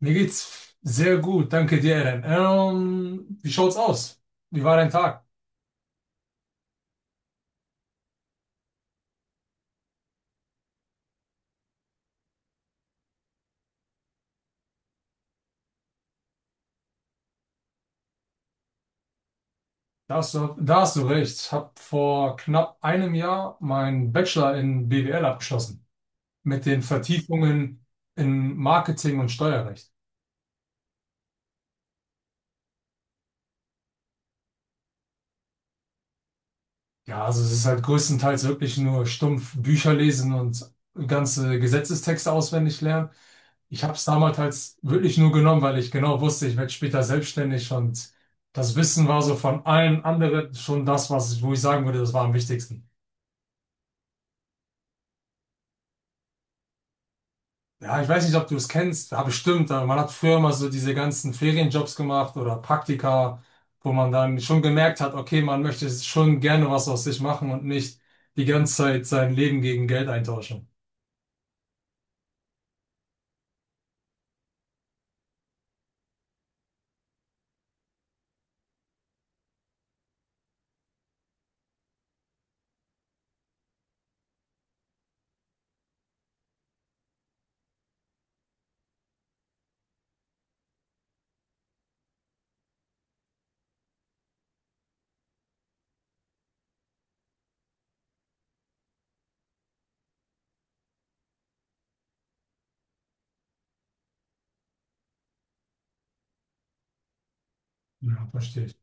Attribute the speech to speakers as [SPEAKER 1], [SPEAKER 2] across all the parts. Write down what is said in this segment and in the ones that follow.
[SPEAKER 1] Mir geht's sehr gut, danke dir, Eren. Wie schaut's aus? Wie war dein Tag? Da hast du recht. Ich habe vor knapp einem Jahr meinen Bachelor in BWL abgeschlossen. Mit den Vertiefungen in Marketing und Steuerrecht. Ja, also es ist halt größtenteils wirklich nur stumpf Bücher lesen und ganze Gesetzestexte auswendig lernen. Ich habe es damals halt wirklich nur genommen, weil ich genau wusste, ich werde später selbstständig, und das Wissen war so von allen anderen schon das, was ich sagen würde, das war am wichtigsten. Ja, ich weiß nicht, ob du es kennst, ja, bestimmt, aber man hat früher immer so diese ganzen Ferienjobs gemacht oder Praktika, wo man dann schon gemerkt hat, okay, man möchte schon gerne was aus sich machen und nicht die ganze Zeit sein Leben gegen Geld eintauschen. Ja, verstehe ich.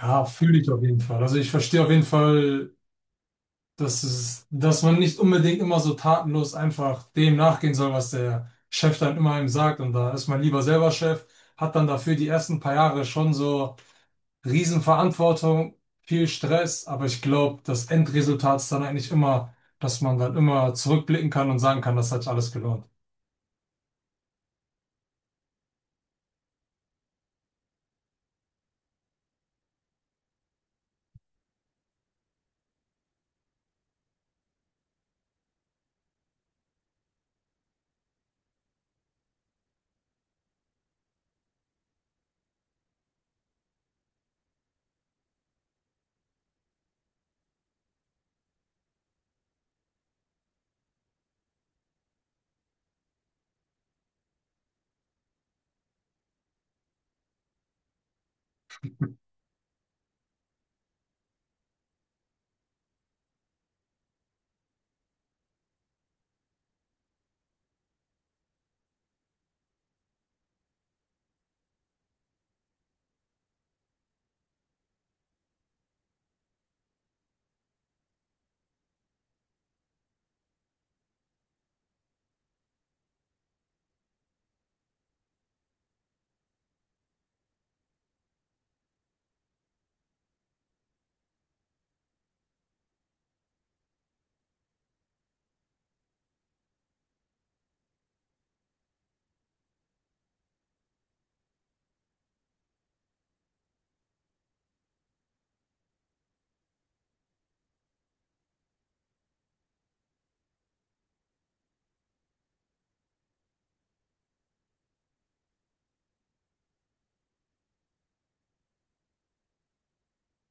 [SPEAKER 1] Ja, fühle ich auf jeden Fall. Also ich verstehe auf jeden Fall, das ist, dass man nicht unbedingt immer so tatenlos einfach dem nachgehen soll, was der Chef dann immer ihm sagt. Und da ist man lieber selber Chef, hat dann dafür die ersten paar Jahre schon so Riesenverantwortung, viel Stress. Aber ich glaube, das Endresultat ist dann eigentlich immer, dass man dann immer zurückblicken kann und sagen kann, das hat sich alles gelohnt.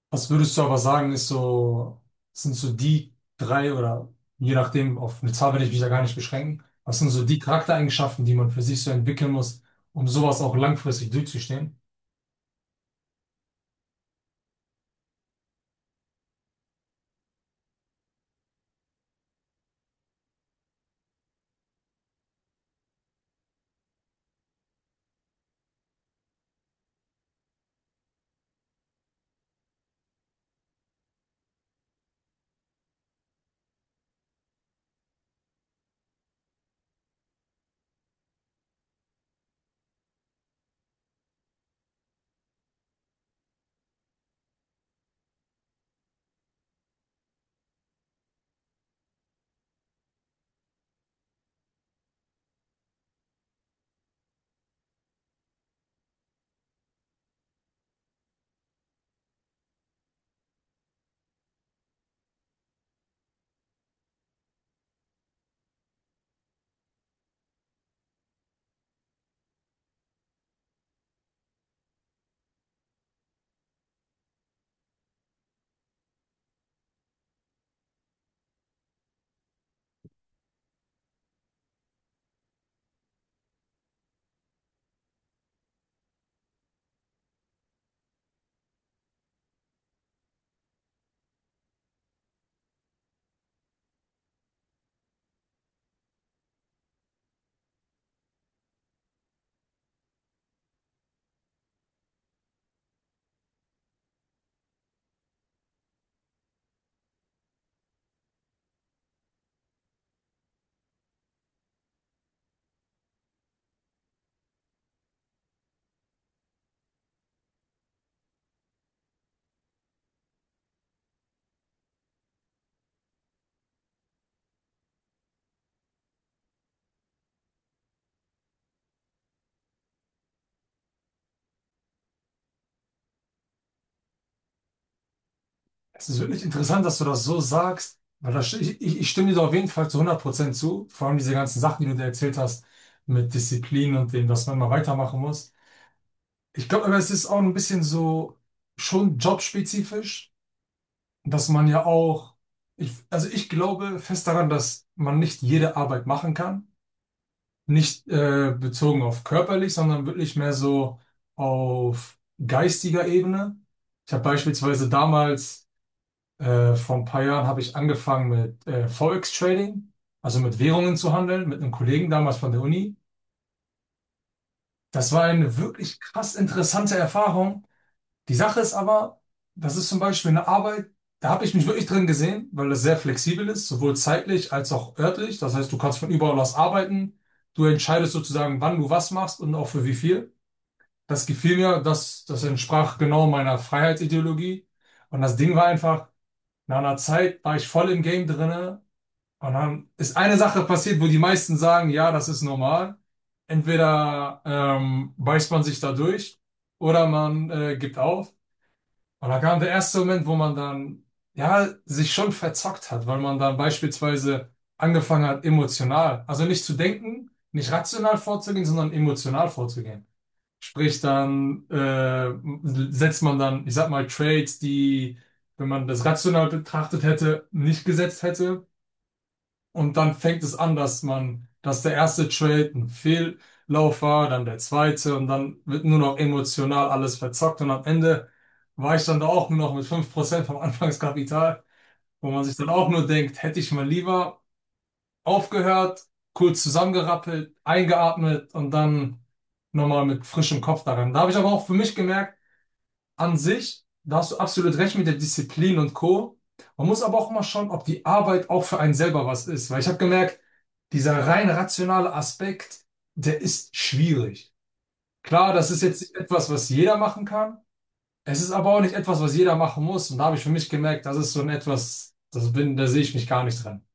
[SPEAKER 1] Was würdest du aber sagen, ist so, sind so die drei oder je nachdem, auf eine Zahl werde ich mich ja gar nicht beschränken. Was sind so die Charaktereigenschaften, die man für sich so entwickeln muss, um sowas auch langfristig durchzustehen? Es ist wirklich interessant, dass du das so sagst, weil das, ich stimme dir da auf jeden Fall zu 100% zu, vor allem diese ganzen Sachen, die du dir erzählt hast, mit Disziplin und dem, dass man immer weitermachen muss. Ich glaube aber, es ist auch ein bisschen so schon jobspezifisch. Dass man ja auch, ich, also ich glaube fest daran, dass man nicht jede Arbeit machen kann. Nicht bezogen auf körperlich, sondern wirklich mehr so auf geistiger Ebene. Ich habe beispielsweise damals, vor ein paar Jahren, habe ich angefangen mit Forex Trading, also mit Währungen zu handeln, mit einem Kollegen damals von der Uni. Das war eine wirklich krass interessante Erfahrung. Die Sache ist aber, das ist zum Beispiel eine Arbeit, da habe ich mich wirklich drin gesehen, weil das sehr flexibel ist, sowohl zeitlich als auch örtlich. Das heißt, du kannst von überall aus arbeiten. Du entscheidest sozusagen, wann du was machst und auch für wie viel. Das gefiel mir, das, das entsprach genau meiner Freiheitsideologie. Und das Ding war einfach, nach einer Zeit war ich voll im Game drinne. Und dann ist eine Sache passiert, wo die meisten sagen, ja, das ist normal. Entweder beißt man sich da durch oder man gibt auf. Und da kam der erste Moment, wo man dann, ja, sich schon verzockt hat, weil man dann beispielsweise angefangen hat, emotional, also nicht zu denken, nicht rational vorzugehen, sondern emotional vorzugehen. Sprich, dann setzt man dann, ich sag mal, Trades, die, wenn man das rational betrachtet hätte, nicht gesetzt hätte. Und dann fängt es an, dass man, dass der erste Trade ein Fehllauf war, dann der zweite und dann wird nur noch emotional alles verzockt und am Ende war ich dann da auch nur noch mit 5% vom Anfangskapital, wo man sich dann auch nur denkt, hätte ich mal lieber aufgehört, kurz zusammengerappelt, eingeatmet und dann nochmal mit frischem Kopf daran. Da habe ich aber auch für mich gemerkt, an sich, da hast du absolut recht mit der Disziplin und Co. Man muss aber auch mal schauen, ob die Arbeit auch für einen selber was ist. Weil ich habe gemerkt, dieser rein rationale Aspekt, der ist schwierig. Klar, das ist jetzt nicht etwas, was jeder machen kann. Es ist aber auch nicht etwas, was jeder machen muss. Und da habe ich für mich gemerkt, das ist so ein etwas, das bin, da sehe ich mich gar nicht dran.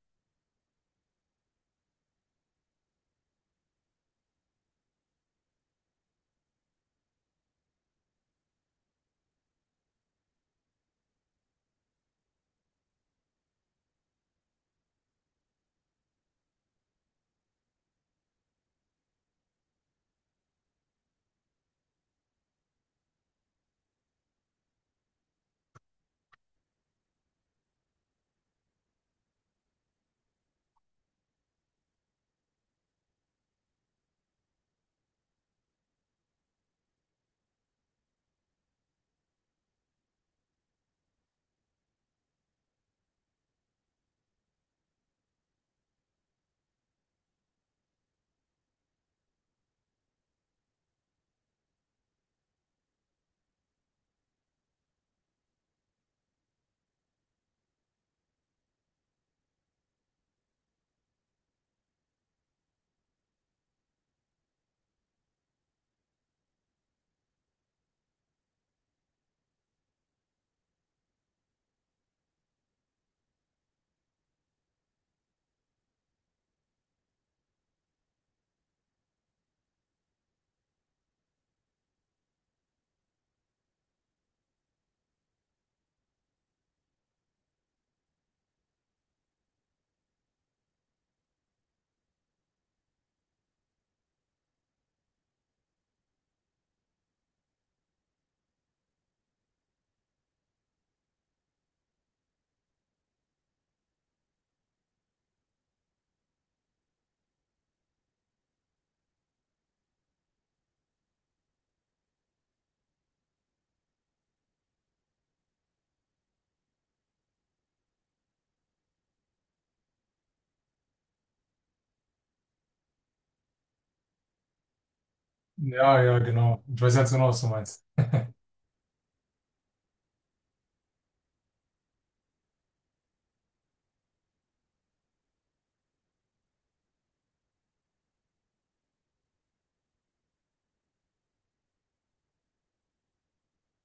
[SPEAKER 1] Ja, ja, genau. Ich weiß ganz genau, was du meinst.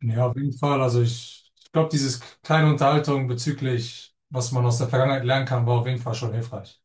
[SPEAKER 1] Ja, auf jeden Fall. Also ich glaube, dieses kleine Unterhaltung bezüglich, was man aus der Vergangenheit lernen kann, war auf jeden Fall schon hilfreich.